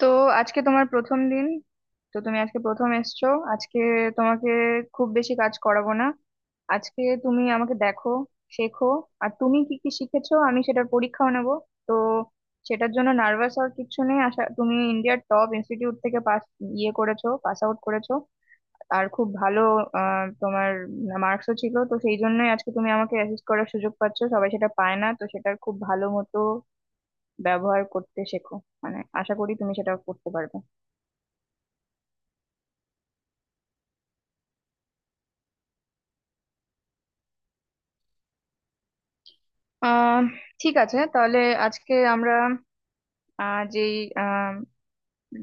তো আজকে তোমার প্রথম দিন। তো তুমি আজকে প্রথম এসছো। আজকে তোমাকে খুব বেশি কাজ করাবো না। আজকে তুমি আমাকে দেখো, শেখো, আর তুমি কি কি শিখেছো আমি সেটার পরীক্ষাও নেব। তো সেটার জন্য নার্ভাস হওয়ার কিছু নেই। আশা তুমি ইন্ডিয়ার টপ ইনস্টিটিউট থেকে পাস ইয়ে করেছো, পাস আউট করেছো, আর খুব ভালো তোমার মার্কসও ছিল, তো সেই জন্যই আজকে তুমি আমাকে অ্যাসিস্ট করার সুযোগ পাচ্ছো। সবাই সেটা পায় না, তো সেটার খুব ভালো মতো ব্যবহার করতে শেখো। মানে আশা করি তুমি সেটা করতে পারবে। আহ ঠিক আছে, তাহলে আজকে আমরা যেই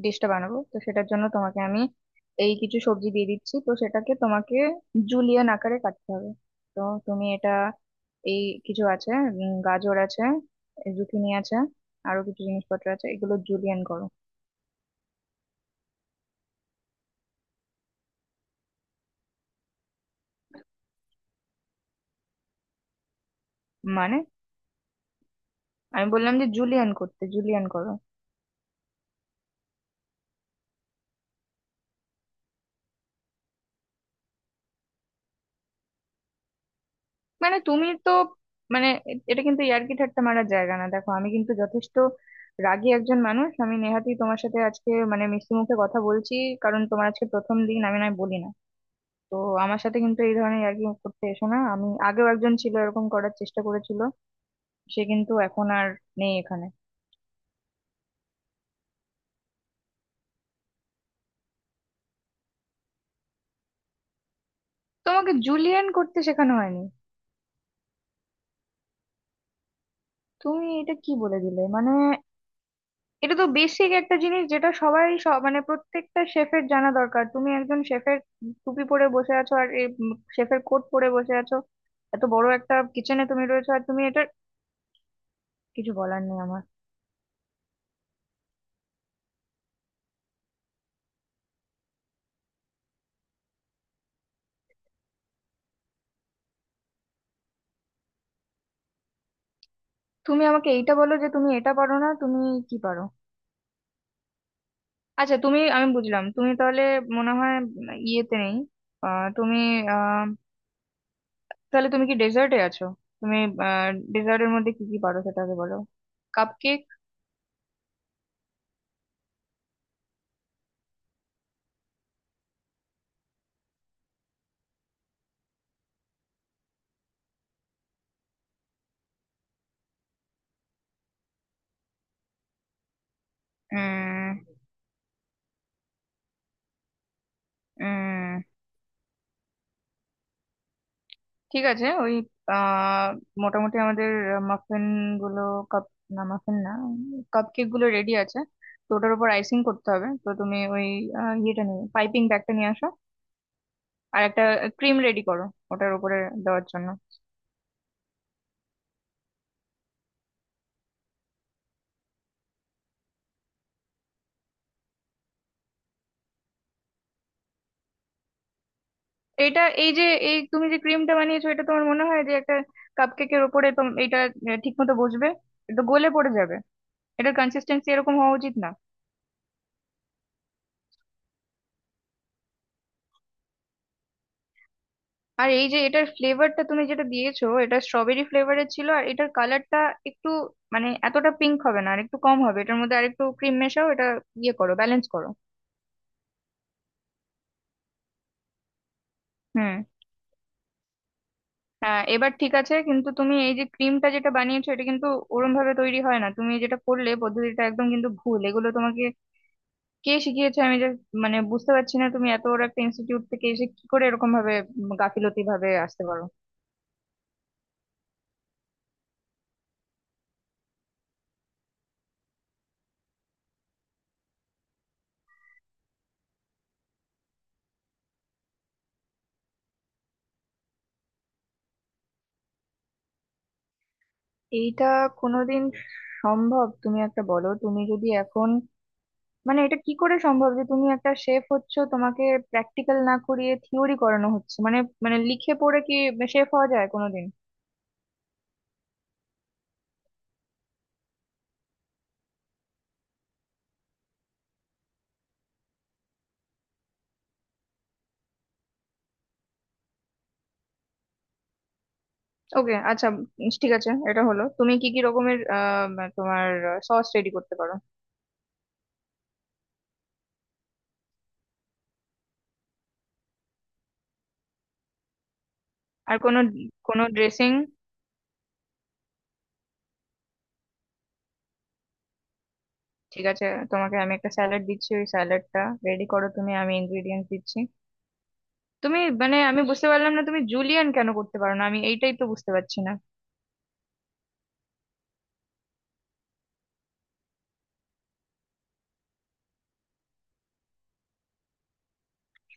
ডিশটা বানাবো, তো সেটার জন্য তোমাকে আমি এই কিছু সবজি দিয়ে দিচ্ছি, তো সেটাকে তোমাকে জুলিয়ান আকারে কাটতে হবে। তো তুমি এটা এই কিছু আছে, গাজর আছে, জুকিনি আছে, আরো কিছু জিনিসপত্র আছে, এগুলো জুলিয়ান করো। মানে আমি বললাম যে জুলিয়ান করতে, জুলিয়ান করো। মানে তুমি তো মানে এটা কিন্তু ইয়ার্কি ঠাট্টা মারার জায়গা না। দেখো আমি কিন্তু যথেষ্ট রাগী একজন মানুষ। আমি নেহাতি তোমার সাথে আজকে মানে মিষ্টি মুখে কথা বলছি, কারণ তোমার আজকে প্রথম দিন, আমি নয় বলি না। তো আমার সাথে কিন্তু এই ধরনের ইয়ার্কি করতে এসো না। আমি আগেও একজন ছিল এরকম করার চেষ্টা করেছিল, সে কিন্তু এখন আর নেই এখানে। তোমাকে জুলিয়ান করতে শেখানো হয়নি? তুমি এটা কি বলে দিলে মানে। এটা তো বেসিক একটা জিনিস যেটা সবাই মানে প্রত্যেকটা শেফের জানা দরকার। তুমি একজন শেফের টুপি পরে বসে আছো, আর শেফের কোট পরে বসে আছো, এত বড় একটা কিচেনে তুমি রয়েছো, আর তুমি এটা কিছু বলার নেই আমার। তুমি আমাকে এইটা বলো যে তুমি এটা পারো না, তুমি কি পারো? আচ্ছা তুমি আমি বুঝলাম তুমি তাহলে মনে হয় ইয়েতে নেই। আহ, তুমি আহ তাহলে তুমি কি ডেজার্টে আছো? তুমি ডেজার্টের মধ্যে কি কি পারো সেটাকে বলো। Cupcake? উম ঠিক আছে, ওই আহ মোটামুটি আমাদের মাফিন গুলো কাপ না, মাফিন না, কাপ কেক গুলো রেডি আছে, তো ওটার উপর আইসিং করতে হবে। তো তুমি ওই ইয়েটা নিয়ে, পাইপিং ব্যাগটা নিয়ে আসো, আর একটা ক্রিম রেডি করো ওটার উপরে দেওয়ার জন্য। এটা এই যে, এই তুমি যে ক্রিমটা বানিয়েছো, এটা তোমার মনে হয় যে একটা কাপ কেকের উপরে এটা ঠিক মতো বসবে? এটা তো গলে পড়ে যাবে। এটার কনসিস্টেন্সি এরকম হওয়া উচিত না। আর এই যে এটার ফ্লেভারটা তুমি যেটা দিয়েছো, এটা স্ট্রবেরি ফ্লেভারের ছিল, আর এটার কালারটা একটু মানে এতটা পিঙ্ক হবে না, আর একটু কম হবে। এটার মধ্যে আরেকটু ক্রিম মেশাও, এটা ইয়ে করো, ব্যালেন্স করো। হুম, হ্যাঁ এবার ঠিক আছে, কিন্তু তুমি এই যে ক্রিমটা যেটা বানিয়েছো, এটা কিন্তু ওরম ভাবে তৈরি হয় না। তুমি যেটা করলে পদ্ধতিটা একদম কিন্তু ভুল। এগুলো তোমাকে কে শিখিয়েছে? আমি যে মানে বুঝতে পারছি না তুমি এত বড় একটা ইনস্টিটিউট থেকে এসে কি করে এরকম ভাবে গাফিলতি ভাবে আসতে পারো। এইটা কোনোদিন সম্ভব? তুমি একটা বলো তুমি যদি এখন মানে এটা কি করে সম্ভব যে তুমি একটা শেফ হচ্ছ, তোমাকে প্র্যাকটিক্যাল না করিয়ে থিওরি করানো হচ্ছে মানে। মানে লিখে পড়ে কি শেফ হওয়া যায় কোনোদিন? ওকে আচ্ছা, ঠিক আছে, এটা হলো। তুমি কি কি রকমের তোমার সস রেডি করতে পারো? আর কোনো কোনো ড্রেসিং? ঠিক আছে, তোমাকে আমি একটা স্যালাড দিচ্ছি, ওই স্যালাডটা রেডি করো তুমি, আমি ইনগ্রিডিয়েন্টস দিচ্ছি। তুমি মানে আমি বুঝতে পারলাম না, তুমি জুলিয়ান কেন করতে পারো না, আমি এইটাই তো বুঝতে পারছি না।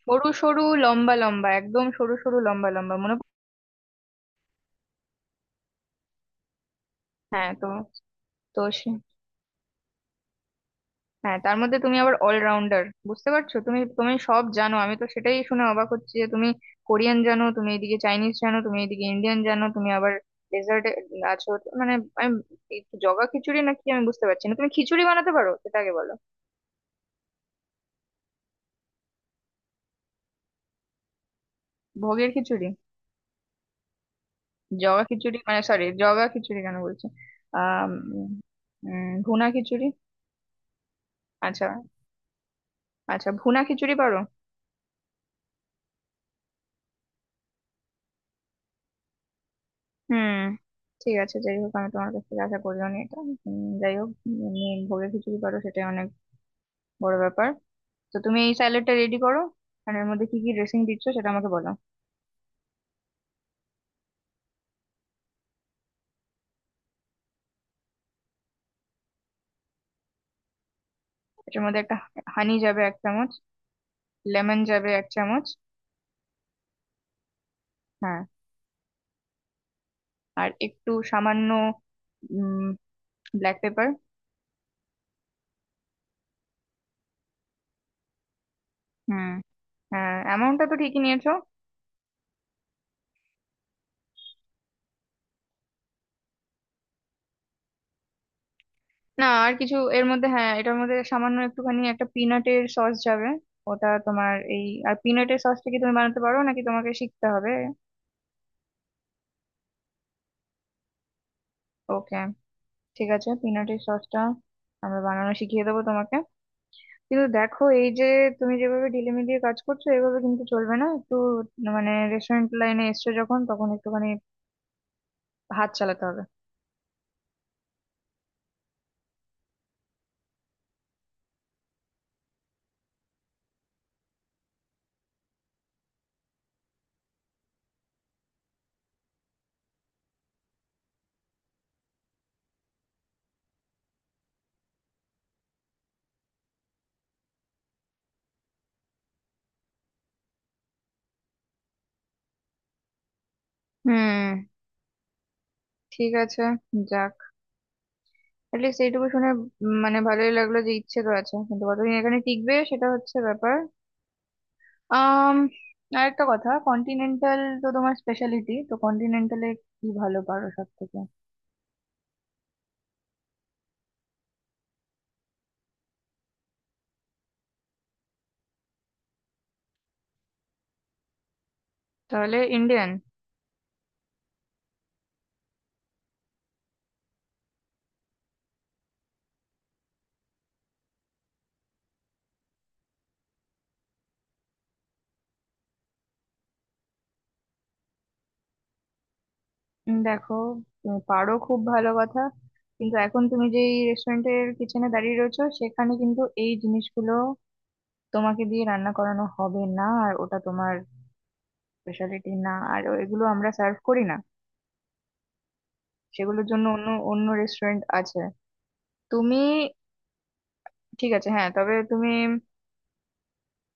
সরু সরু লম্বা লম্বা, একদম সরু সরু লম্বা লম্বা, হ্যাঁ তো। তো সে- হ্যাঁ তার মধ্যে তুমি আবার অলরাউন্ডার, বুঝতে পারছো? তুমি তুমি সব জানো। আমি তো সেটাই শুনে অবাক হচ্ছি যে তুমি কোরিয়ান জানো, তুমি এদিকে চাইনিজ জানো, তুমি এদিকে ইন্ডিয়ান জানো, তুমি আবার ডেজার্টে আছো, তো মানে আমি এই জগা খিচুড়ি নাকি আমি বুঝতে পারছি না। তুমি খিচুড়ি বানাতে পারো সেটা আগে বলো। ভোগের খিচুড়ি? জগা খিচুড়ি মানে, সরি, জগা খিচুড়ি কেন বলছি। আহ ভুনা খিচুড়ি। আচ্ছা, আচ্ছা ভুনা খিচুড়ি পারো? হুম, ঠিক আছে, যাই হোক আমি তোমার কাছ থেকে আশা করলাম এটা। যাই হোক, ভোগের খিচুড়ি পারো, সেটাই অনেক বড় ব্যাপার। তো তুমি এই স্যালাডটা রেডি করো, আর এর মধ্যে কি কি ড্রেসিং দিচ্ছ সেটা আমাকে বলো। এটার মধ্যে একটা হানি যাবে এক চামচ, লেমন যাবে এক চামচ, হ্যাঁ, আর একটু সামান্য উম ব্ল্যাক পেপার। হুম, হ্যাঁ অ্যামাউন্টটা তো ঠিকই নিয়েছো। না আর কিছু এর মধ্যে, হ্যাঁ এটার মধ্যে সামান্য একটুখানি একটা পিনাটের সস যাবে। ওটা তোমার এই আর পিনাটের সসটা কি তুমি বানাতে পারো নাকি তোমাকে শিখতে হবে? ওকে, ঠিক আছে, পিনাটের সসটা আমরা বানানো শিখিয়ে দেবো তোমাকে। কিন্তু দেখো এই যে তুমি যেভাবে ঢিলেমিলিয়ে কাজ করছো, এভাবে কিন্তু চলবে না। একটু মানে রেস্টুরেন্ট লাইনে এসছো যখন, তখন একটুখানি হাত চালাতে হবে। হুম, ঠিক আছে, যাক, অ্যাটলিস্ট এইটুকু শুনে মানে ভালোই লাগলো যে ইচ্ছে তো আছে, কিন্তু কতদিন এখানে টিকবে সেটা হচ্ছে ব্যাপার। আম আর একটা কথা, কন্টিনেন্টাল তো তোমার স্পেশালিটি, তো কন্টিনেন্টালে কি ভালো পারো সব থেকে? তাহলে ইন্ডিয়ান? দেখো তুমি পারো খুব ভালো কথা, কিন্তু এখন তুমি যেই রেস্টুরেন্টের কিচেনে দাঁড়িয়ে রয়েছো, সেখানে কিন্তু এই জিনিসগুলো তোমাকে দিয়ে রান্না করানো হবে না, আর ওটা তোমার স্পেশালিটি না, আর এগুলো আমরা সার্ভ করি না। সেগুলোর জন্য অন্য অন্য রেস্টুরেন্ট আছে। তুমি ঠিক আছে হ্যাঁ, তবে তুমি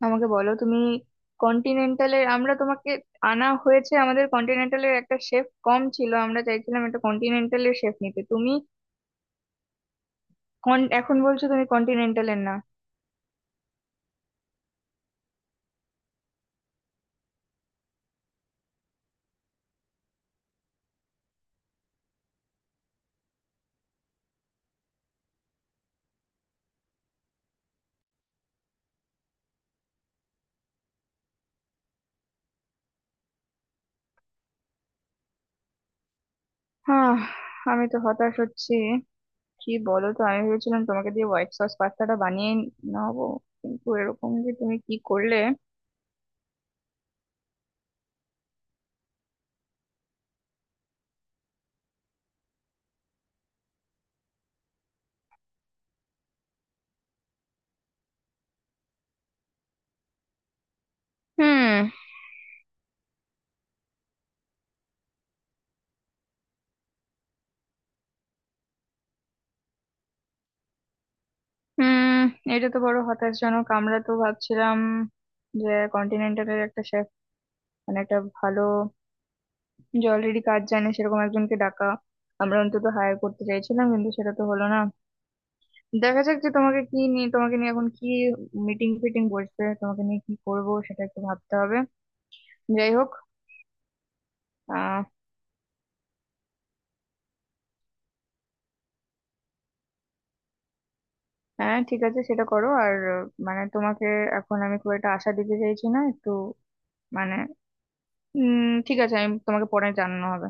আমাকে বলো, তুমি কন্টিনেন্টালের, আমরা তোমাকে আনা হয়েছে, আমাদের কন্টিনেন্টালের একটা শেফ কম ছিল, আমরা চাইছিলাম একটা কন্টিনেন্টালের শেফ নিতে। তুমি এখন বলছো তুমি কন্টিনেন্টালের না? হ্যাঁ, আমি তো হতাশ হচ্ছি, কি বলো তো। আমি ভেবেছিলাম তোমাকে দিয়ে হোয়াইট সস পাস্তাটা বানিয়ে নেবো, কিন্তু এরকম যে তুমি কি করলে। হুম, হুম, এটা তো বড় হতাশজনক। আমরা তো ভাবছিলাম যে কন্টিনেন্টালের একটা শেফ মানে একটা ভালো, যে অলরেডি কাজ জানে সেরকম একজনকে ডাকা, আমরা অন্তত হায়ার করতে চাইছিলাম, কিন্তু সেটা তো হলো না। দেখা যাক যে তোমাকে কি নিয়ে, তোমাকে নিয়ে এখন কি মিটিং ফিটিং বসবে, তোমাকে নিয়ে কি করবো সেটা একটু ভাবতে হবে। যাই হোক, হ্যাঁ ঠিক আছে সেটা করো। আর মানে তোমাকে এখন আমি খুব একটা আশা দিতে চাইছি না একটু মানে উম ঠিক আছে, আমি তোমাকে পরে জানানো হবে।